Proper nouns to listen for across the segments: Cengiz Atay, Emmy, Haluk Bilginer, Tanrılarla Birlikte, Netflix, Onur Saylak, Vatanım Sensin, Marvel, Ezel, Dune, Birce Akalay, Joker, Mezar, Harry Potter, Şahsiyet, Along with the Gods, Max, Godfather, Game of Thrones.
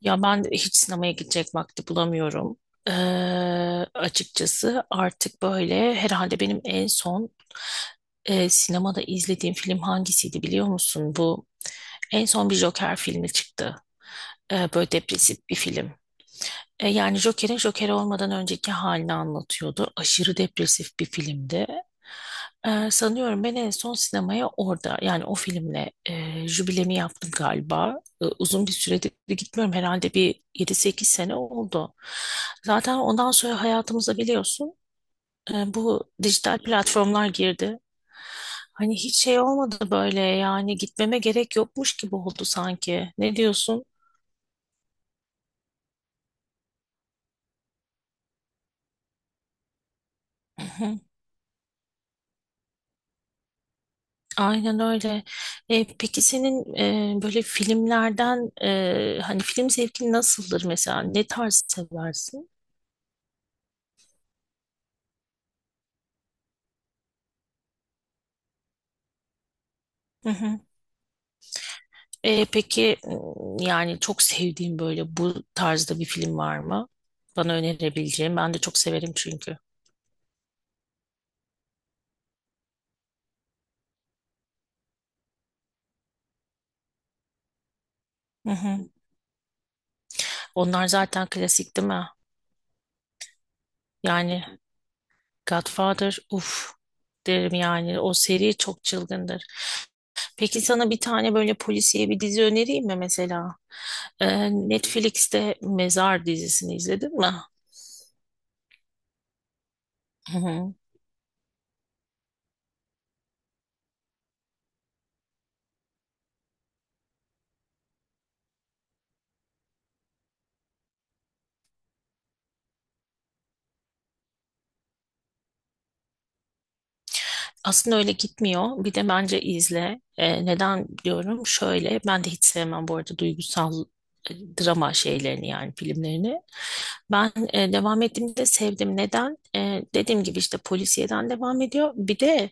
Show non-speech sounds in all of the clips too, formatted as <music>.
Ya ben de hiç sinemaya gidecek vakti bulamıyorum. Ee, Açıkçası artık böyle herhalde benim en son sinemada izlediğim film hangisiydi biliyor musun? Bu en son bir Joker filmi çıktı. Böyle depresif bir film. Yani Joker'in Joker olmadan önceki halini anlatıyordu. Aşırı depresif bir filmdi. Sanıyorum ben en son sinemaya orada yani o filmle jübilemi yaptım galiba. Uzun bir süredir de gitmiyorum herhalde bir 7-8 sene oldu. Zaten ondan sonra hayatımıza biliyorsun bu dijital platformlar girdi. Hani hiç şey olmadı böyle yani gitmeme gerek yokmuş gibi oldu sanki. Ne diyorsun? <laughs> Aynen öyle. Peki senin böyle filmlerden hani film zevkin nasıldır mesela? Ne tarz seversin? Hı hı. Peki yani çok sevdiğin böyle bu tarzda bir film var mı? Bana önerebileceğim? Ben de çok severim çünkü. Hı hı. Onlar zaten klasik değil mi? Yani Godfather, uf derim yani. O seri çok çılgındır. Peki sana bir tane böyle polisiye bir dizi önereyim mi mesela? Netflix'te Mezar dizisini izledin mi? <laughs> Aslında öyle gitmiyor. Bir de bence izle. Neden diyorum? Şöyle, ben de hiç sevmem bu arada duygusal drama şeylerini yani filmlerini. Ben devam ettiğimde sevdim. Neden? Dediğim gibi işte polisiyeden devam ediyor. Bir de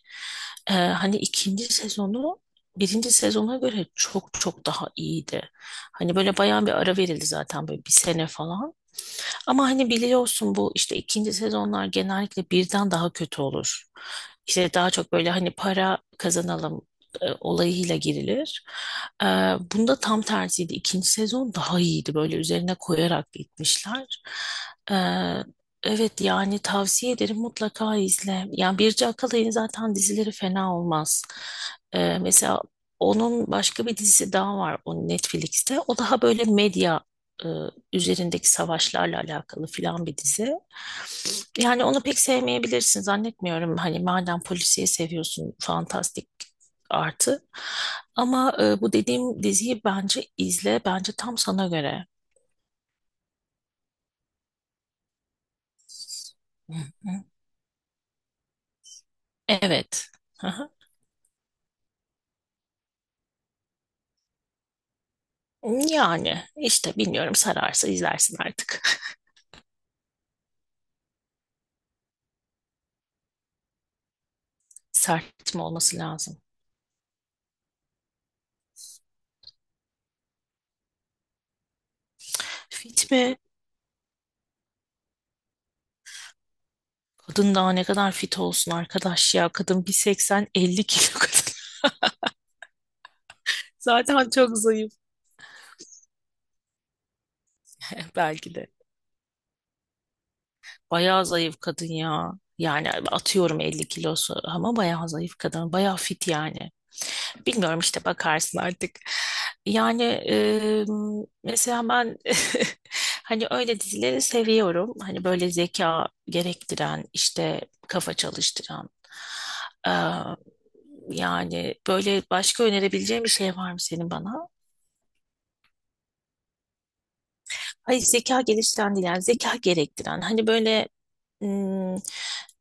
hani ikinci sezonu birinci sezona göre çok çok daha iyiydi. Hani böyle bayağı bir ara verildi zaten böyle bir sene falan. Ama hani biliyorsun bu işte ikinci sezonlar genellikle birden daha kötü olur. İşte daha çok böyle hani para kazanalım olayıyla girilir. E, Bunda tam tersiydi. İkinci sezon daha iyiydi. Böyle üzerine koyarak gitmişler. E, evet yani tavsiye ederim mutlaka izle. Yani Birce Akalay'ın zaten dizileri fena olmaz. Mesela onun başka bir dizisi daha var o Netflix'te. O daha böyle medya üzerindeki savaşlarla alakalı filan bir dizi. Yani onu pek sevmeyebilirsin zannetmiyorum. Hani madem polisiye seviyorsun fantastik artı. Ama bu dediğim diziyi bence izle. Bence tam sana göre. Hı hı. Evet. Hı hı. Yani işte bilmiyorum sararsa izlersin artık. <laughs> Sert mi olması lazım? Fit mi? Kadın daha ne kadar fit olsun arkadaş ya. Kadın 1,80 50 kilo kadın. <laughs> Zaten çok zayıf belki de. Bayağı zayıf kadın ya. Yani atıyorum 50 kilosu ama bayağı zayıf kadın. Bayağı fit yani. Bilmiyorum işte bakarsın artık. Yani mesela ben <laughs> hani öyle dizileri seviyorum. Hani böyle zeka gerektiren işte kafa çalıştıran. Ee, Yani böyle başka önerebileceğin bir şey var mı senin bana? Hayır zeka geliştiren değil yani zeka gerektiren. Hani böyle hmm,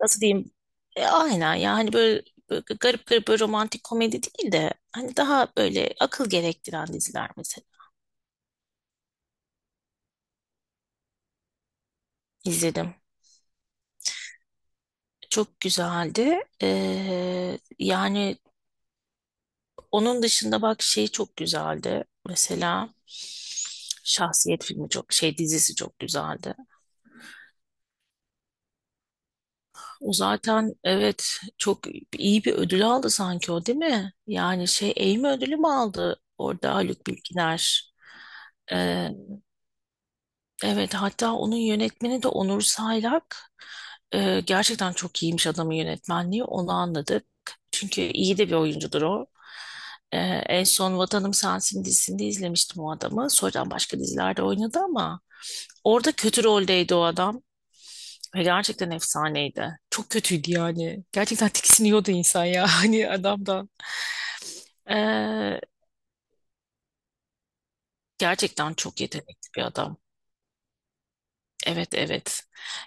nasıl diyeyim? Aynen ya hani böyle garip garip böyle romantik komedi değil de hani daha böyle akıl gerektiren diziler mesela izledim. Çok güzeldi. Yani onun dışında bak şey çok güzeldi. Mesela Şahsiyet filmi çok şey dizisi çok güzeldi. O zaten evet çok iyi bir ödül aldı sanki o değil mi? Yani şey Emmy ödülü mü aldı orada Haluk Bilginer? Ee, evet hatta onun yönetmeni de Onur Saylak. Gerçekten çok iyiymiş adamın yönetmenliği onu anladık. Çünkü iyi de bir oyuncudur o. Ee, En son Vatanım Sensin dizisinde izlemiştim o adamı. Sonradan başka dizilerde oynadı ama orada kötü roldeydi o adam. Ve gerçekten efsaneydi. Çok kötüydü yani. Gerçekten tiksiniyordu insan ya <laughs> hani adamdan. Ee, Gerçekten çok yetenekli bir adam. Evet, evet.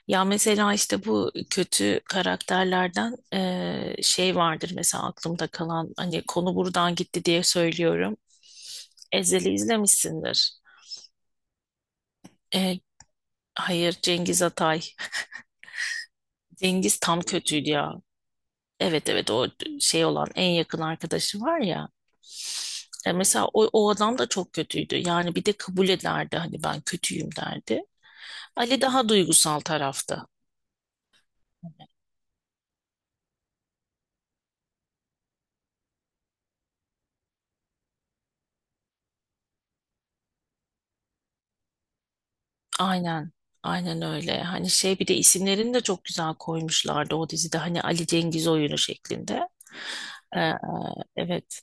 Ya mesela işte bu kötü karakterlerden şey vardır mesela aklımda kalan hani konu buradan gitti diye söylüyorum. Ezel'i izlemişsindir. Ee, hayır, Cengiz Atay. Cengiz tam kötüydü ya. Evet, evet, o şey olan en yakın arkadaşı var ya. Mesela o adam da çok kötüydü. Yani bir de kabul ederdi hani ben kötüyüm derdi. Ali daha duygusal tarafta. Aynen. Aynen öyle. Hani şey bir de isimlerini de çok güzel koymuşlardı o dizide. Hani Ali Cengiz oyunu şeklinde. Ee, evet.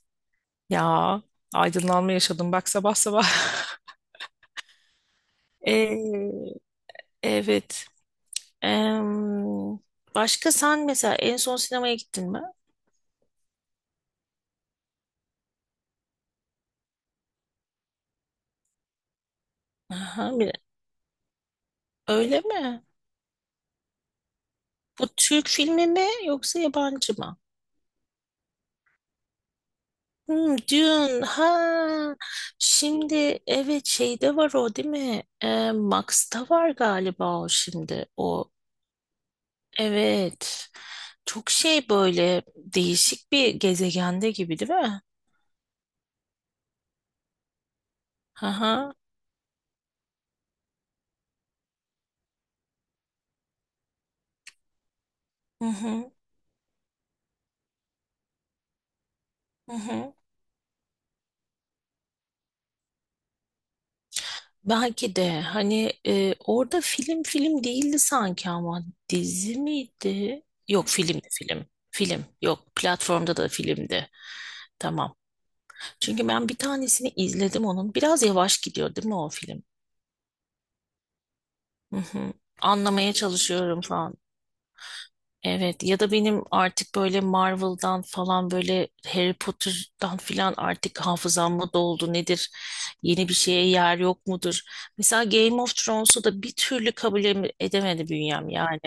Ya aydınlanma yaşadım bak sabah sabah. <laughs> Ee, evet. Em, Başka sen mesela en son sinemaya gittin mi? Aha, öyle mi? Bu Türk filmi mi yoksa yabancı mı? Hmm, Dune. Ha. Şimdi evet şeyde var o değil mi? Max'ta var galiba o şimdi. O evet. Çok şey böyle değişik bir gezegende gibi değil mi? Aha. Hı hı. Hı hı. Belki de hani orada film film değildi sanki ama dizi miydi? Yok, filmdi film. Film, yok platformda da filmdi. Tamam. Çünkü ben bir tanesini izledim onun. Biraz yavaş gidiyor değil mi o film? Hı hı. Anlamaya çalışıyorum falan. Evet ya da benim artık böyle Marvel'dan falan böyle Harry Potter'dan filan artık hafızam mı doldu nedir? Yeni bir şeye yer yok mudur? Mesela Game of Thrones'u da bir türlü kabul edemedi bünyem yani.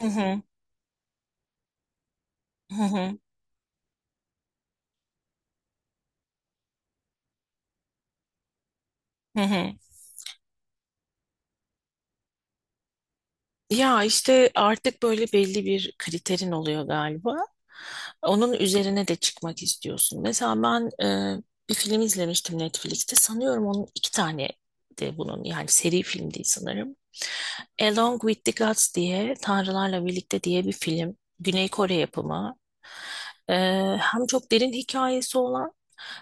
Hı hı, hı hı, hı hı. Ya işte artık böyle belli bir kriterin oluyor galiba. Onun üzerine de çıkmak istiyorsun. Mesela ben bir film izlemiştim Netflix'te. Sanıyorum onun iki tane de bunun yani seri film değil sanırım. Along with the Gods diye Tanrılarla Birlikte diye bir film. Güney Kore yapımı. Hem çok derin hikayesi olan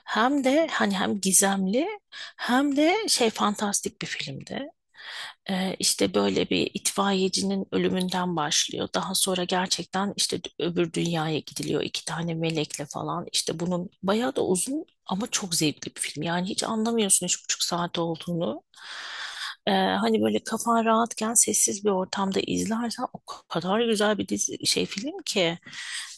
hem de hani hem gizemli hem de şey fantastik bir filmdi. İşte böyle bir itfaiyecinin ölümünden başlıyor. Daha sonra gerçekten işte öbür dünyaya gidiliyor iki tane melekle falan. İşte bunun bayağı da uzun ama çok zevkli bir film. Yani hiç anlamıyorsun 3,5 saat olduğunu. Hani böyle kafan rahatken sessiz bir ortamda izlersen o kadar güzel bir dizi şey film ki.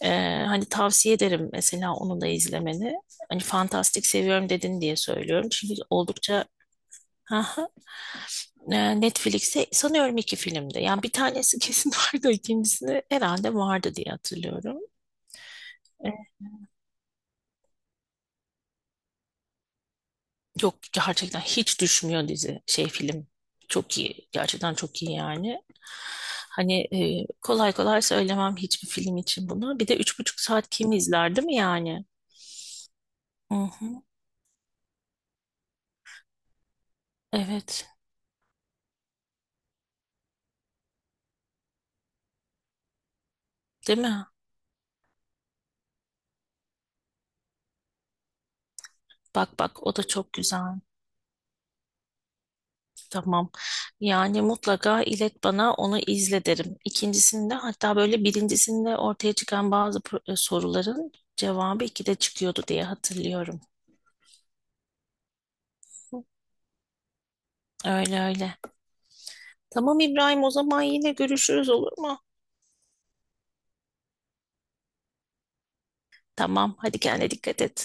Hani tavsiye ederim mesela onu da izlemeni. Hani fantastik seviyorum dedin diye söylüyorum. Çünkü oldukça. Aha. Netflix'te sanıyorum iki filmde. Yani bir tanesi <laughs> kesin vardı, ikincisini herhalde vardı diye hatırlıyorum. Yok, gerçekten hiç düşmüyor dizi şey film, çok iyi, gerçekten çok iyi yani. Hani kolay kolay söylemem hiçbir film için bunu, bir de 3,5 saat kim izler değil mi yani. Hı hı, evet, değil mi, bak bak o da çok güzel. Tamam, yani mutlaka ilet bana, onu izle derim. İkincisinde, hatta böyle birincisinde ortaya çıkan bazı soruların cevabı ikide çıkıyordu diye hatırlıyorum. Öyle öyle. Tamam İbrahim, o zaman yine görüşürüz olur mu? Tamam hadi kendine dikkat et.